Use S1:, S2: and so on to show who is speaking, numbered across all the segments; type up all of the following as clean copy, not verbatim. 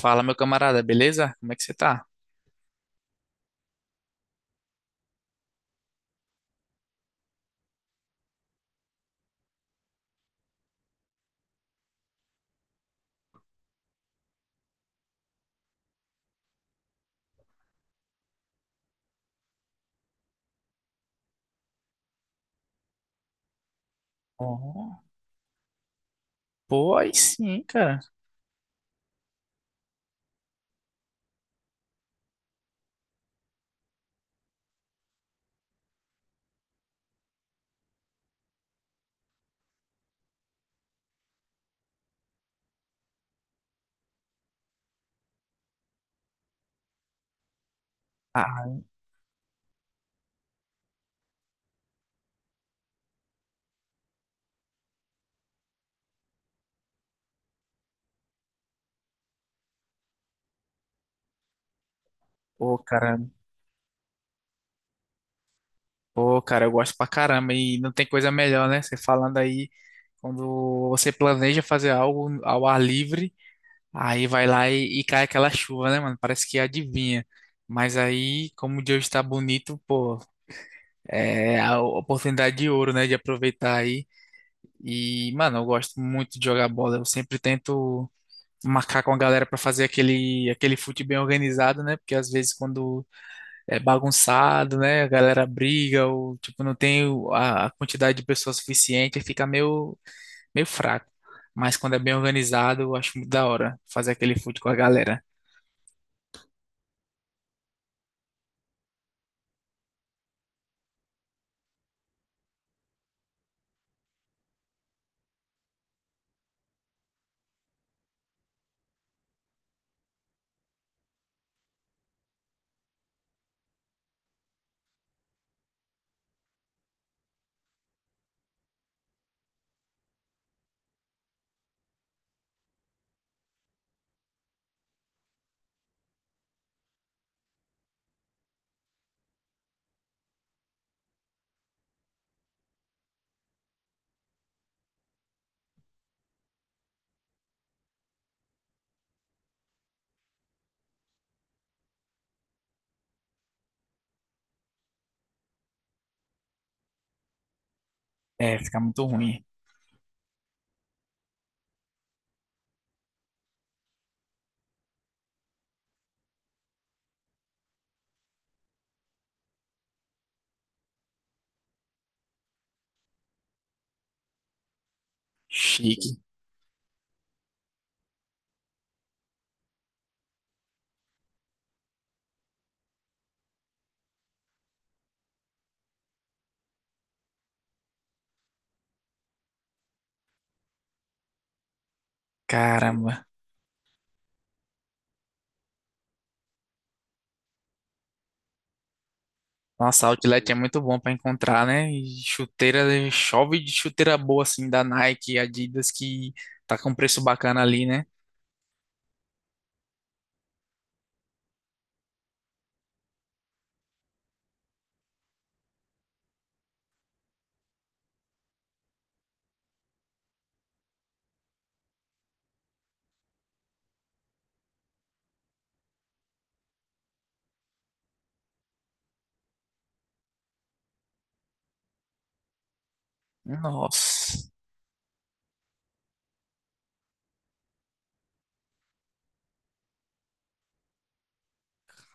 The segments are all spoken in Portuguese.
S1: Fala, meu camarada, beleza? Como é que você tá? Oh, pô, aí sim, cara. Ah, pô, cara. Pô, cara, eu gosto pra caramba e não tem coisa melhor, né? Você falando aí, quando você planeja fazer algo ao ar livre, aí vai lá e cai aquela chuva, né, mano? Parece que adivinha. Mas aí, como o dia está bonito, pô, é a oportunidade de ouro, né, de aproveitar aí. E, mano, eu gosto muito de jogar bola. Eu sempre tento marcar com a galera pra fazer aquele fute bem organizado, né? Porque às vezes quando é bagunçado, né? A galera briga, ou tipo, não tem a quantidade de pessoas suficiente, aí fica meio fraco. Mas quando é bem organizado, eu acho muito da hora fazer aquele food com a galera. É, fica muito ruim. Chique. Caramba. Nossa, Outlet é muito bom pra encontrar, né? E chuteira, chove de chuteira boa, assim, da Nike, Adidas, que tá com um preço bacana ali, né? Nossa.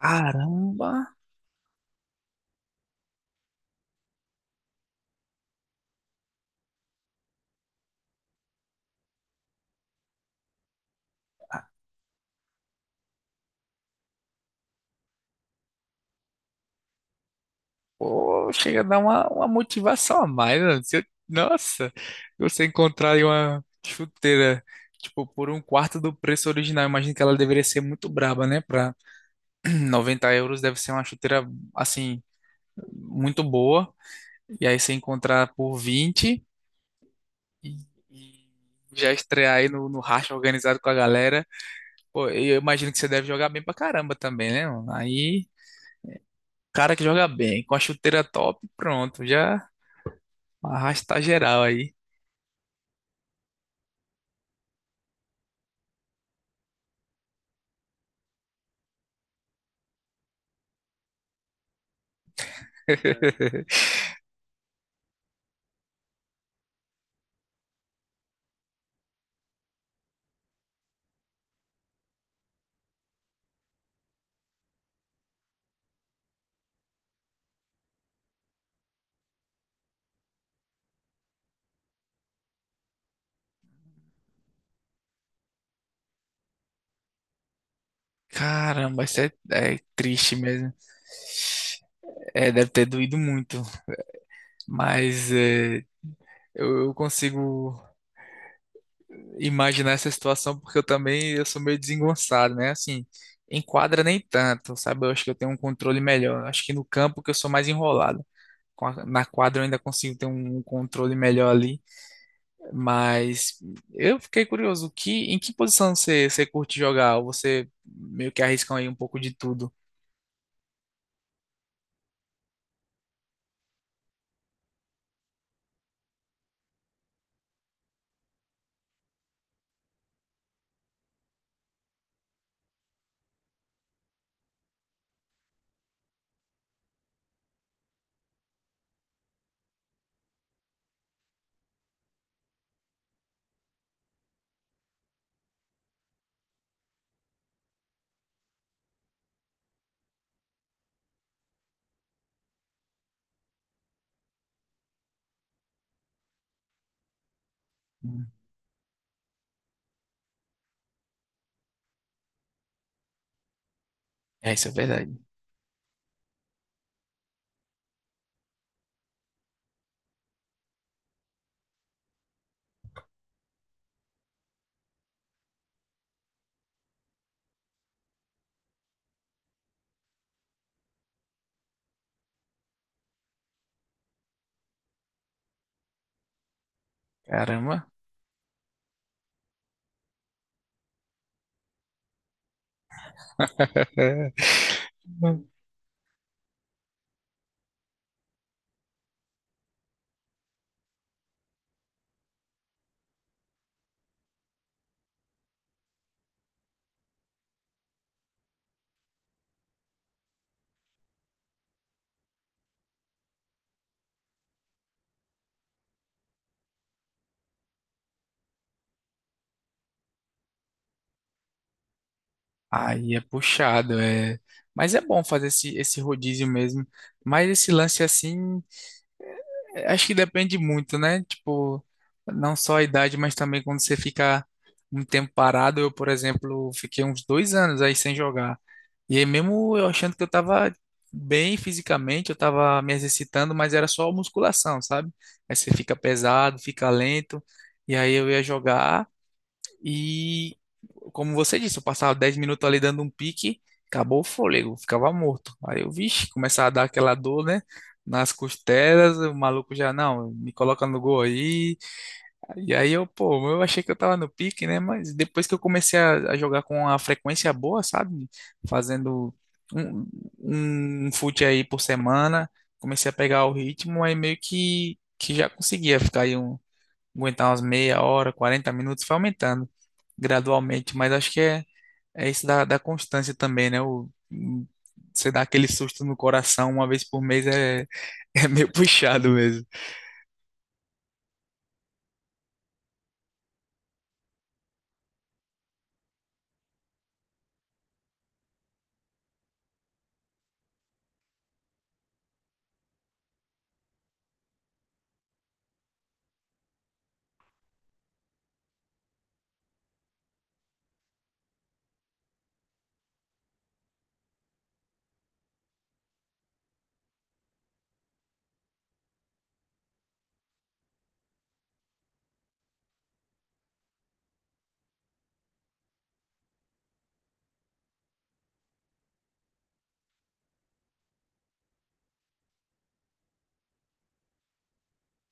S1: Caramba. Pô, chega a dar uma motivação a mais, mano. Se eu- Nossa, você encontrar aí uma chuteira, tipo, por um quarto do preço original, imagino que ela deveria ser muito braba, né? Pra 90 euros deve ser uma chuteira, assim, muito boa. E aí você encontrar por 20 e, e já estrear aí no racha organizado com a galera. Pô, e eu imagino que você deve jogar bem pra caramba também, né, mano? Aí, cara que joga bem, com a chuteira top, pronto, já arrasta geral aí. Caramba, isso é, é triste mesmo. É, deve ter doído muito, mas é, eu consigo imaginar essa situação porque eu também eu sou meio desengonçado, né? Assim, em quadra nem tanto, sabe? Eu acho que eu tenho um controle melhor. Eu acho que no campo que eu sou mais enrolado. Na quadra eu ainda consigo ter um controle melhor ali, mas eu fiquei curioso, que em que posição você curte jogar? Ou você meio que arrisca aí um pouco de tudo? É, isso é verdade. Caramba. Aí é puxado, é. Mas é bom fazer esse rodízio mesmo. Mas esse lance assim, é, acho que depende muito, né? Tipo, não só a idade, mas também quando você fica um tempo parado. Eu, por exemplo, fiquei uns 2 anos aí sem jogar. E aí mesmo eu achando que eu tava bem fisicamente, eu tava me exercitando, mas era só musculação, sabe? Aí você fica pesado, fica lento. E aí eu ia jogar. E, como você disse, eu passava 10 minutos ali dando um pique, acabou o fôlego, ficava morto. Aí eu, vixe, começava a dar aquela dor, né? Nas costelas, o maluco já, não, me coloca no gol aí. E aí eu, pô, eu achei que eu tava no pique, né? Mas depois que eu comecei a jogar com a frequência boa, sabe? Fazendo um, um fute aí por semana, comecei a pegar o ritmo, aí meio que já conseguia ficar aí um aguentar umas meia hora, 40 minutos, foi aumentando gradualmente, mas acho que é, é isso da constância também, né? Você dá aquele susto no coração uma vez por mês é, é meio puxado mesmo.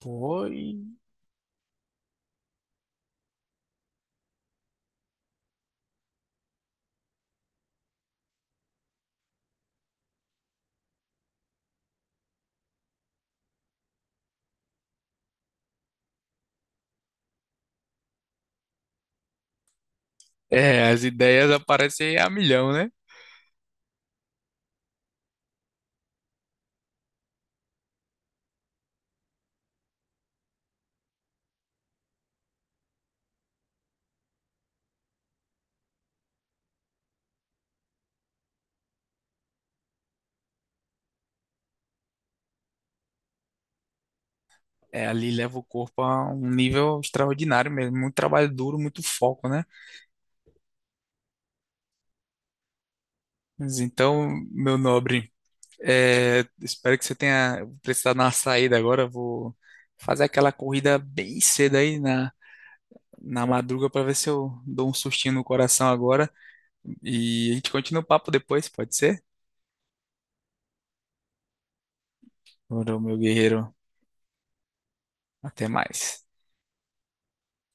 S1: Pô, é, as ideias aparecem a milhão, né? É, ali leva o corpo a um nível extraordinário mesmo, muito trabalho duro, muito foco, né? Mas então, meu nobre, é, espero que você tenha precisado dar uma saída agora. Vou fazer aquela corrida bem cedo aí na madruga para ver se eu dou um sustinho no coração agora. E a gente continua o papo depois, pode ser? Ora, meu guerreiro, até mais.